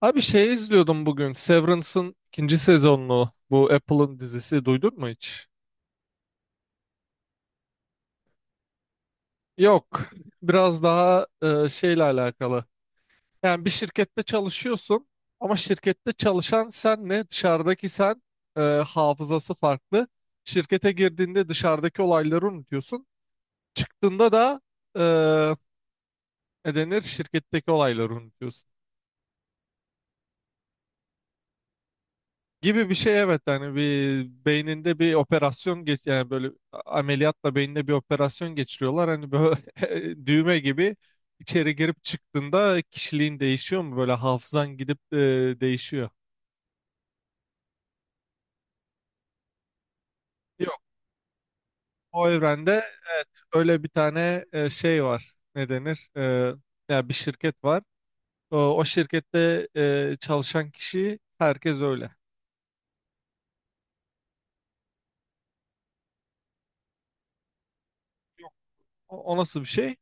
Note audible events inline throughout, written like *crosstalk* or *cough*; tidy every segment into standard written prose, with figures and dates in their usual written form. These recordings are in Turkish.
Abi, şey izliyordum bugün. Severance'ın ikinci sezonunu. Bu Apple'ın dizisi, duydun mu hiç? Yok. Biraz daha şeyle alakalı. Yani bir şirkette çalışıyorsun ama şirkette çalışan senle dışarıdaki sen hafızası farklı. Şirkete girdiğinde dışarıdaki olayları unutuyorsun. Çıktığında da ne denir? Şirketteki olayları unutuyorsun. Gibi bir şey, evet, hani bir beyninde bir operasyon geç, yani böyle ameliyatla beyninde bir operasyon geçiriyorlar, hani böyle *laughs* düğme gibi içeri girip çıktığında kişiliğin değişiyor mu, böyle hafızan gidip değişiyor. Yok, o evrende öyle bir tane şey var, ne denir? Ya bir şirket var, o şirkette çalışan kişi herkes öyle. O nasıl bir şey?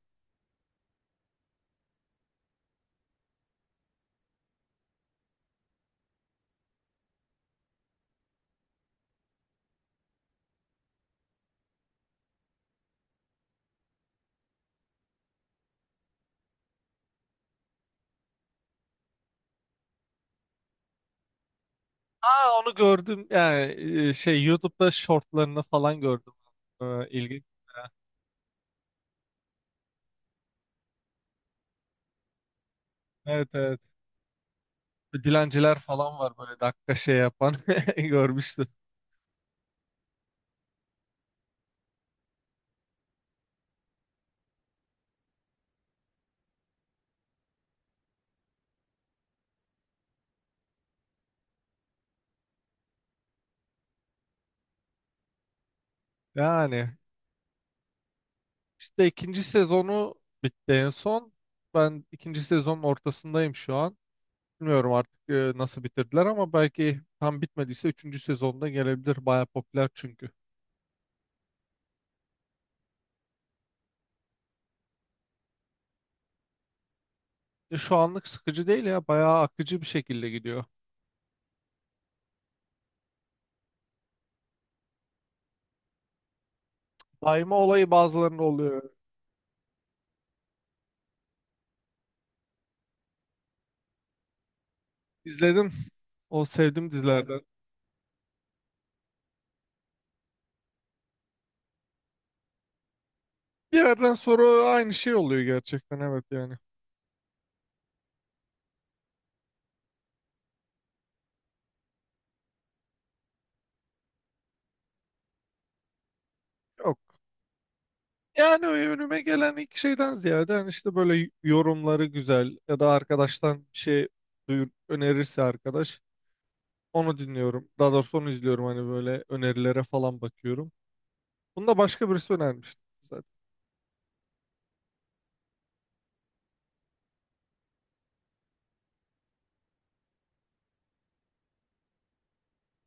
Aa, onu gördüm yani, şey, YouTube'da shortlarını falan gördüm. E, ilginç. Evet, evet. Bir Dilenciler falan var, böyle dakika şey yapan *laughs* görmüştüm. Yani işte ikinci sezonu bitti en son. Ben ikinci sezonun ortasındayım şu an. Bilmiyorum artık nasıl bitirdiler, ama belki tam bitmediyse üçüncü sezonda gelebilir. Baya popüler çünkü. Şu anlık sıkıcı değil ya. Bayağı akıcı bir şekilde gidiyor. Daima olayı bazılarında oluyor. İzledim. O sevdim dizilerden. Bir yerden sonra aynı şey oluyor gerçekten, evet yani. Yok. Yani önüme gelen ilk şeyden ziyade, hani işte böyle yorumları güzel ya da arkadaştan bir şey duyur, önerirse arkadaş, onu dinliyorum. Daha doğrusu onu izliyorum, hani böyle önerilere falan bakıyorum. Bunu da başka birisi önermişti zaten.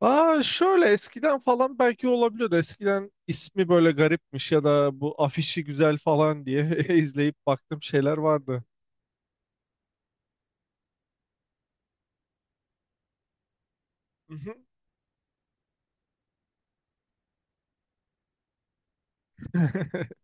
Aa, şöyle eskiden falan belki olabiliyordu. Eskiden ismi böyle garipmiş ya da bu afişi güzel falan diye *laughs* izleyip baktığım şeyler vardı. Mhm. *laughs*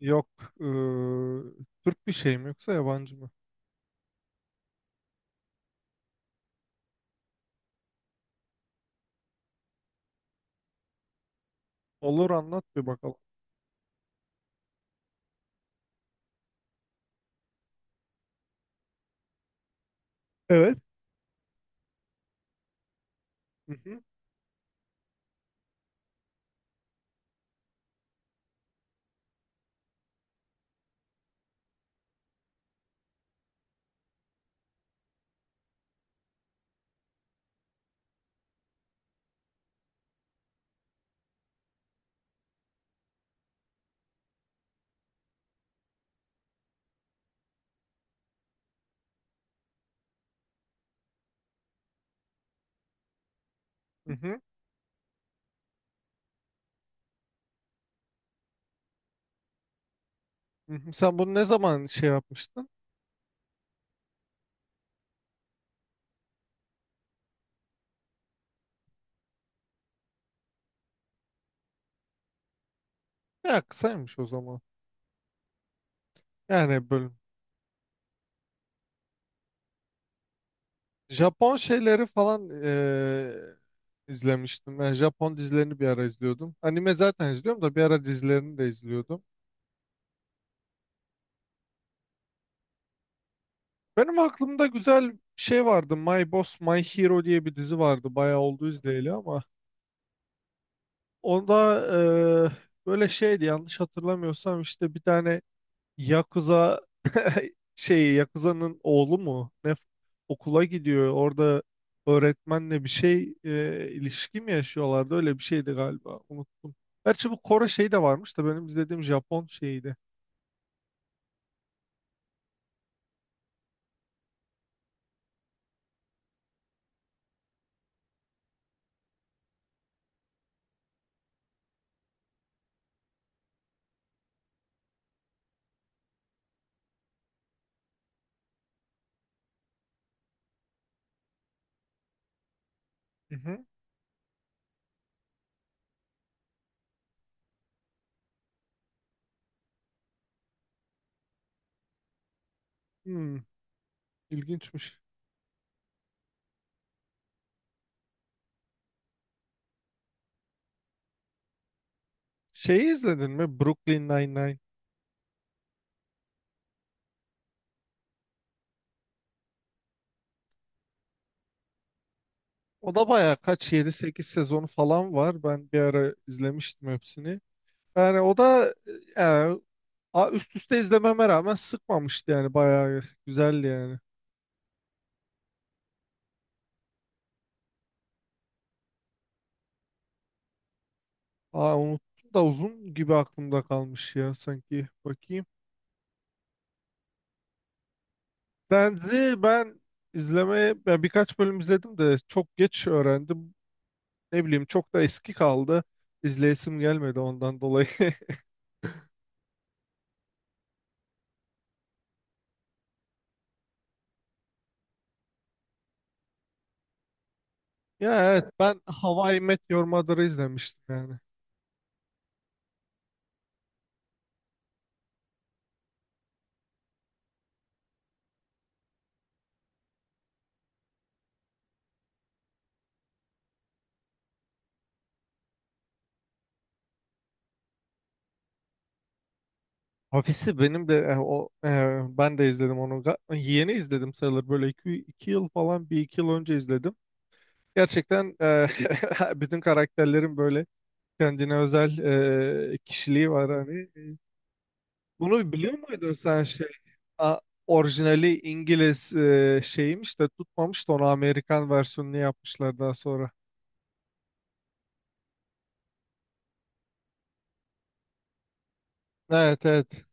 Yok. eee, Türk bir şey mi, yoksa yabancı mı? Olur, anlat bir bakalım. Evet. Hı hı. Hı hı, hı hı. Sen bunu ne zaman şey yapmıştın? Ya kısaymış o zaman. Yani bölüm. Japon şeyleri falan izlemiştim. Ben Japon dizilerini bir ara izliyordum. Anime zaten izliyorum da bir ara dizilerini de izliyordum. Benim aklımda güzel bir şey vardı. My Boss My Hero diye bir dizi vardı. Bayağı oldu izleyeli ama. Onda eee, böyle şeydi, yanlış hatırlamıyorsam işte bir tane Yakuza *laughs* şey, Yakuza'nın oğlu mu? Ne, okula gidiyor. Orada öğretmenle bir şey ilişki mi yaşıyorlardı? Öyle bir şeydi galiba. Unuttum. Gerçi bu Kore şeyi de varmış da benim izlediğim Japon şeyiydi. Hı hı. Hmm, ilginçmiş. Şeyi izledin mi? Brooklyn Nine-Nine. O da bayağı kaç, yedi sekiz sezonu falan var. Ben bir ara izlemiştim hepsini. Yani o da yani, üst üste izlememe rağmen sıkmamıştı, yani bayağı güzeldi yani. Aa, unuttum da uzun gibi aklımda kalmış ya, sanki. Bakayım. Friends'i ben izlemeye, ben birkaç bölüm izledim de çok geç öğrendim. Ne bileyim, çok da eski kaldı. İzleyesim gelmedi ondan dolayı. *laughs* Ya evet, ben How I Met Your Mother'ı izlemiştim yani. Ofisi benim de ben de izledim onu. Yeni izledim sayılır, böyle iki yıl falan, bir iki yıl önce izledim. Gerçekten *laughs* bütün karakterlerin böyle kendine özel kişiliği var hani. Bunu biliyor muydun sen, şey? A- Orijinali İngiliz şeymiş de tutmamış da, onu Amerikan versiyonunu yapmışlar daha sonra. Evet, evet.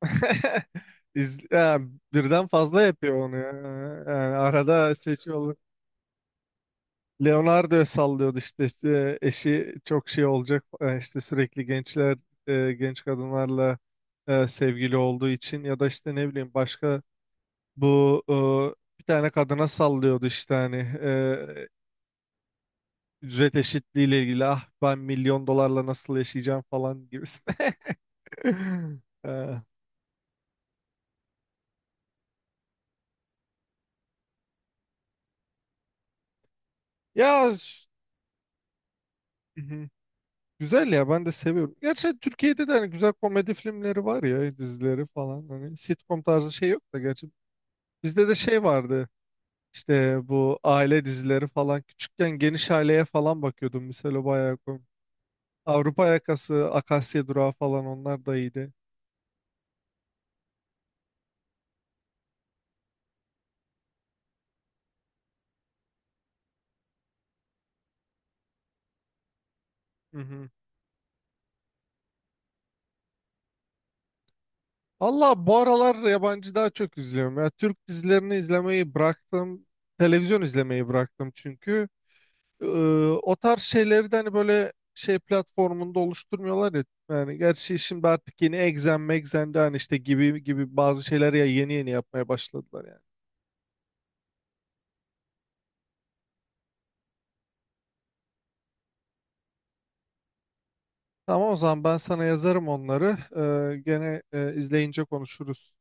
*laughs* Ya, birden fazla yapıyor onu ya. Yani arada seçiyor. Leonardo sallıyordu işte, işte eşi çok şey olacak işte, sürekli gençler genç kadınlarla sevgili olduğu için ya da işte ne bileyim, başka bu bir tane kadına sallıyordu, işte hani e, ücret eşitliği ile ilgili, ah ben milyon dolarla nasıl yaşayacağım falan gibisine. *laughs* Ee, ya Mhm. Güzel ya, ben de seviyorum. Gerçi Türkiye'de de hani güzel komedi filmleri var ya, dizileri falan. Hani sitcom tarzı şey yok da gerçi. Bizde de şey vardı işte, bu aile dizileri falan. Küçükken Geniş Aile'ye falan bakıyordum. Mesela bayağı Avrupa Yakası, Akasya Durağı falan, onlar da iyiydi. Hı hı. Allah, bu aralar yabancı daha çok izliyorum. Ya Türk dizilerini izlemeyi bıraktım. Televizyon izlemeyi bıraktım çünkü. Ee, O tarz şeyleri de hani böyle şey platformunda oluşturmuyorlar ya. Yani gerçi şimdi artık yeni Exxen Mexxen de hani işte gibi gibi bazı şeyler, ya yeni yeni yapmaya başladılar yani. Tamam, o zaman ben sana yazarım onları. Gene izleyince konuşuruz.